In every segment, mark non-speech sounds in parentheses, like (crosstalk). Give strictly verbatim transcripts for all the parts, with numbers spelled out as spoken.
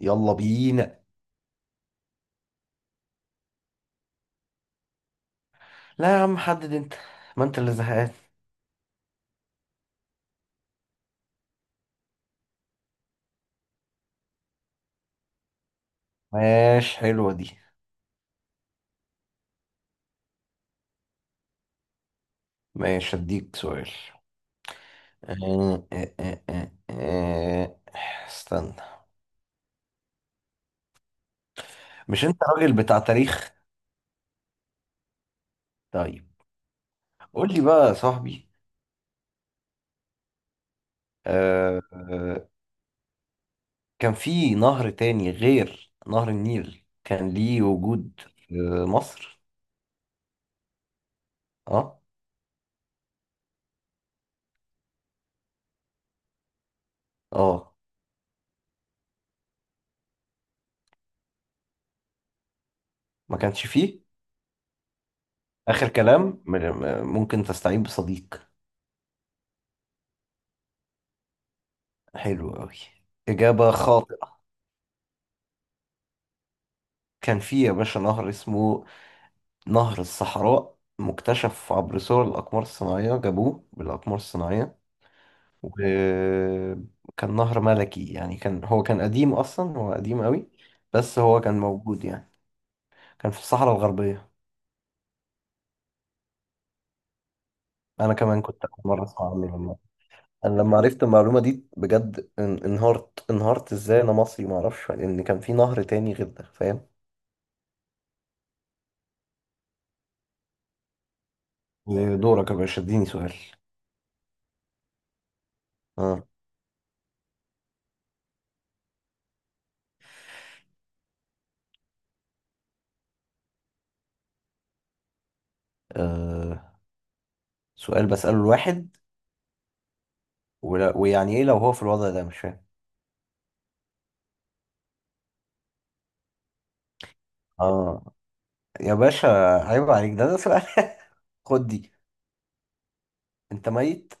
يلا بينا. لا يا عم، حدد انت، ما انت اللي زهقان. ماشي، حلوة دي. ماشي اديك سؤال. آه، آه، آه، آه، آه. استنى. مش انت راجل بتاع تاريخ؟ طيب قول لي بقى يا صاحبي. آه، آه، كان في نهر تاني غير نهر النيل كان ليه وجود في مصر؟ اه. اه، ما كانش فيه. اخر كلام، م- م- ممكن تستعين بصديق. حلو قوي، اجابة خاطئة. كان في يا باشا نهر اسمه نهر الصحراء، مكتشف عبر صور الأقمار الصناعية، جابوه بالأقمار الصناعية. وكان نهر ملكي، يعني كان، هو كان قديم أصلا، هو قديم قوي، بس هو كان موجود يعني. كان في الصحراء الغربية. أنا كمان كنت أول مرة أسمع عنه والله. أنا لما عرفت المعلومة دي بجد ان- انهارت، انهارت. إزاي أنا مصري معرفش لأن كان في نهر تاني غير ده، فاهم؟ دورك يا باشا، اديني سؤال. آه. آه. سؤال بسأله الواحد، ولا- ويعني ايه لو هو في الوضع ده؟ مش فاهم. اه يا باشا، عيب عليك، ده ده سؤال؟ (laughs) خد دي، انت ميت،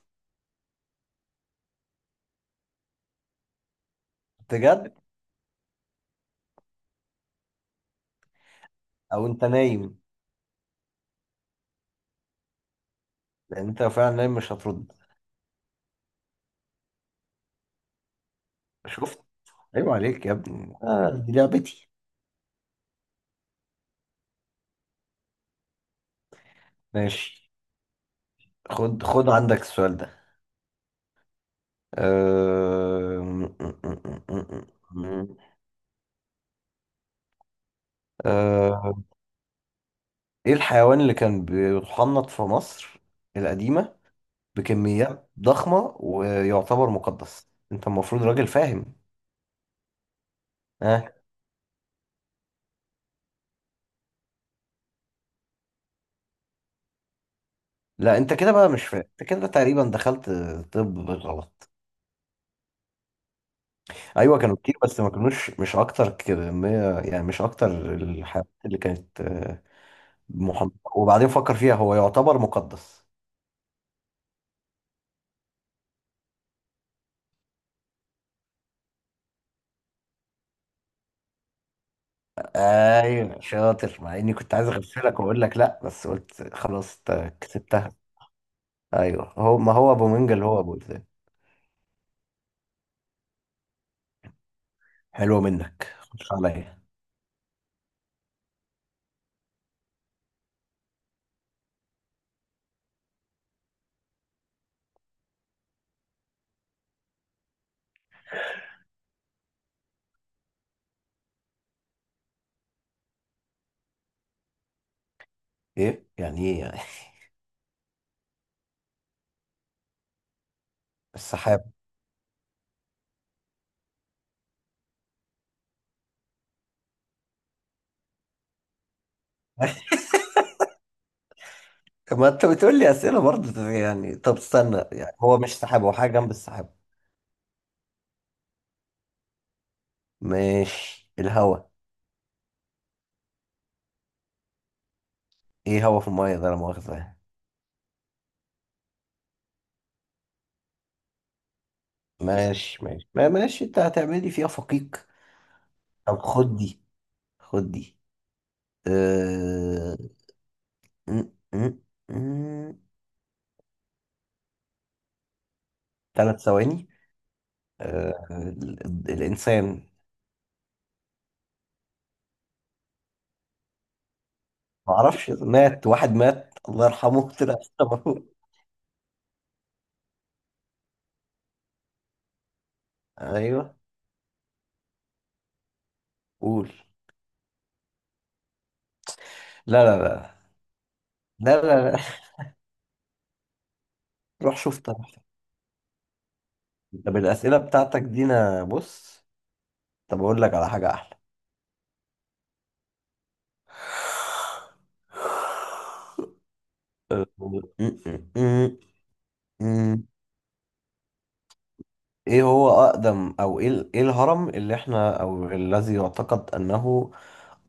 بجد، او انت نايم، لان انت لو فعلا نايم مش هترد. شفت؟ عيب عليك يا ابني، آه دي لعبتي. ماشي، خد خد عندك السؤال ده. أم- أه، ايه الحيوان اللي كان بيتحنط في مصر القديمة بكميات ضخمة ويعتبر مقدس؟ انت المفروض راجل فاهم. آه. لا انت كده بقى مش فاهم، انت كده تقريبا دخلت، طب بالغلط. ايوه كانوا كتير بس ما كانوش، مش اكتر كمية يعني، مش اكتر الحاجات اللي كانت، آه، محمرة. وبعدين فكر فيها، هو يعتبر مقدس. ايوه شاطر، مع اني كنت عايز اغفلك واقول لك لا، بس قلت خلاص انت كسبتها. ايوه هو، ما هو ابو منجل هو ابو إذن. حلوه منك، خش عليا. ايه يعني؟ ايه يعني؟ (laughs) السحاب. (laughs) ما انت بتقول لي اسئله برضه يعني، طب استنى يعني، هو مش سحاب، هو حاجه جنب السحاب. ماشي، الهوا. ايه هوا في المية ده؟ لا مؤاخذة يعني. ماشي ماشي، ما- ماشي، انت هتعملي فيها فقيق. طب خد دي، خد دي. أه... م- م- م- تلات ثواني. أه... ال- ال- الإنسان. معرفش، مات واحد، مات الله يرحمه (laughs) طلع السما. ايوه، قول. لا لا لا لا لا, لا. (laughs) روح شوف طب. طب الأسئلة بتاعتك دي، أنا بص، طب أقول لك على حاجة أحلى. م-م-م-م. ايه هو اقدم، او ايه ال- ايه الهرم اللي احنا، او الذي يعتقد انه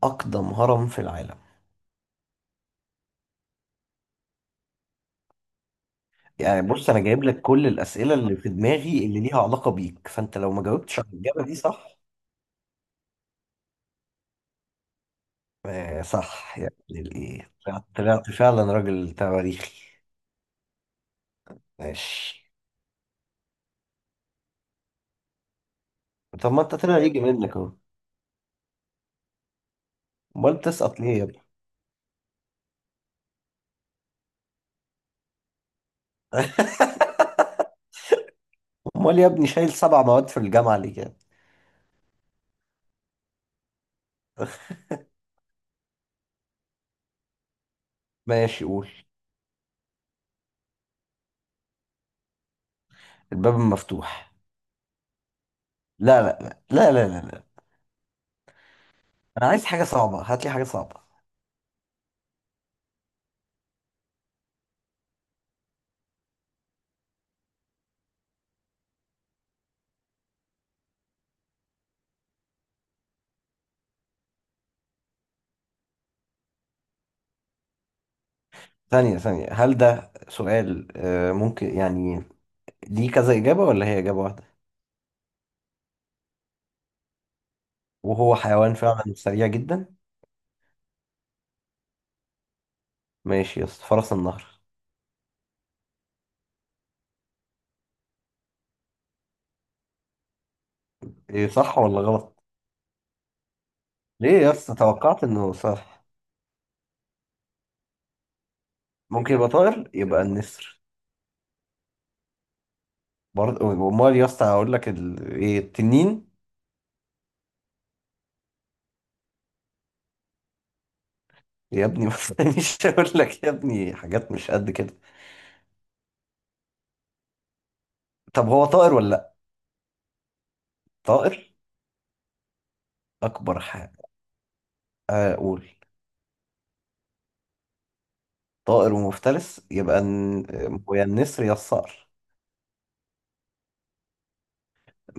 اقدم هرم في العالم؟ يعني بص، انا جايب لك كل الاسئله اللي في دماغي اللي ليها علاقه بيك، فانت لو ما جاوبتش على الاجابه دي صح... آه صح، يعني الايه، طلعت طلعت فعلا راجل تواريخي. ماشي، طب ما انت طلع يجي منك اهو، امال تسقط ليه يا ابني؟ (laughs) امال يا ابني شايل سبع مواد في الجامعه ليه كده؟ ماشي، قول. الباب مفتوح. لا لا لا لا لا لا لا. انا عايز حاجه صعبه، هات لي حاجه صعبه. ثانيه ثانيه، هل ده سؤال، آه، ممكن يعني؟ ليه كذا اجابه ولا هي اجابه واحده؟ وهو حيوان فعلا سريع جدا؟ ماشي يا اسطى، فرس النهر. ايه، صح ولا غلط؟ ليه يا اسطى توقعت انه صح. ممكن يبقى طائر، يبقى النسر. برضه؟ امال يا اسطى هقول لك ال... ايه، التنين. يا ابني (laughs) بس، مش هقول لك يا ابني حاجات مش قد كده. طب هو طائر ولا لا؟ طائر. اكبر حاجه؟ اقول. طائر ومفترس، يبقى الن- هو يا النسر يا الصقر.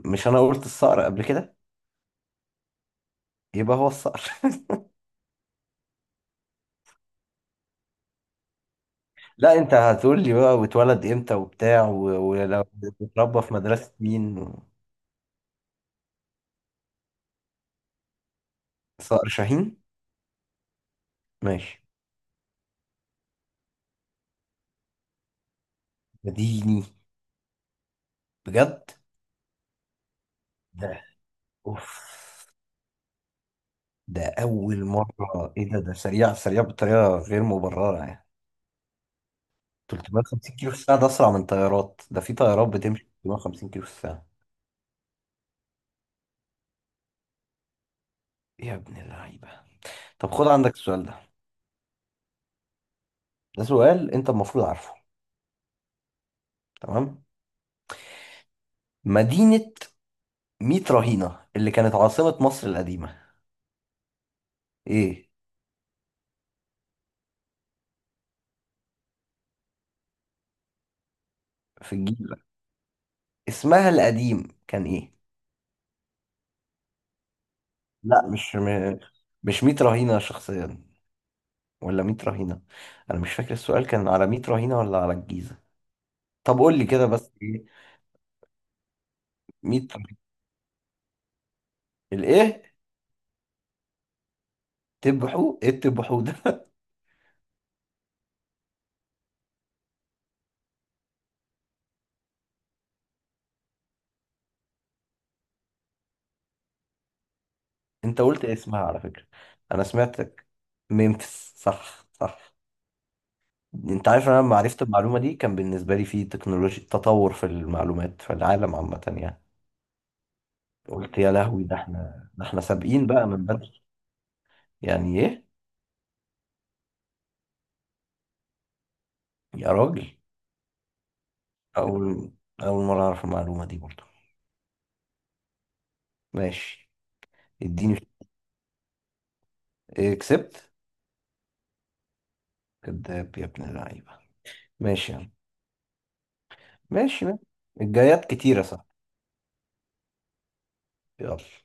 مش انا قلت الصقر قبل كده؟ يبقى هو الصقر (laughs) لا، انت هتقول لي بقى واتولد امتى وبتاع و- ولو اتربى في مدرسة مين و... صقر شاهين. ماشي، مديني. بجد؟ ده اوف، ده اول مرة، ايه ده، ده سريع سريع بطريقة غير مبررة يعني. ثلاثمية وخمسين كيلو في الساعة، ده اسرع من طيارات، ده في طيارات بتمشي ثلاثمية وخمسين كيلو في الساعة؟ يا ابن اللعيبة. طب خد عندك السؤال ده، ده سؤال انت المفروض عارفه، تمام؟ مدينة ميت رهينة، اللي كانت عاصمة مصر القديمة، ايه؟ في الجيل ده اسمها القديم كان ايه؟ لا، مش م... مش ميت رهينة شخصيا، ولا ميت رهينة، انا مش فاكر السؤال كان على ميت رهينة ولا على الجيزة. طب قول لي كده، بس ايه، ميت رهينة. الايه، تبحو؟ ايه التبحو ده؟ (laughs) انت قلت اسمها على فكرة، انا سمعتك. ممفيس، صح صح. انت عارف انا لما عرفت المعلومه دي كان بالنسبه لي في تكنولوجيا، تطور في المعلومات في العالم عامه يعني. قلت يا لهوي، ده احنا، ده احنا سابقين بقى من بدري. يعني ايه يا راجل؟ اول اول مره اعرف المعلومه دي برضه. ماشي، اديني. ايه كسبت؟ كداب يا ابن اللعيبه. ماشي يعني، ماشي ماشي، الجايات كتيره صح. يلا.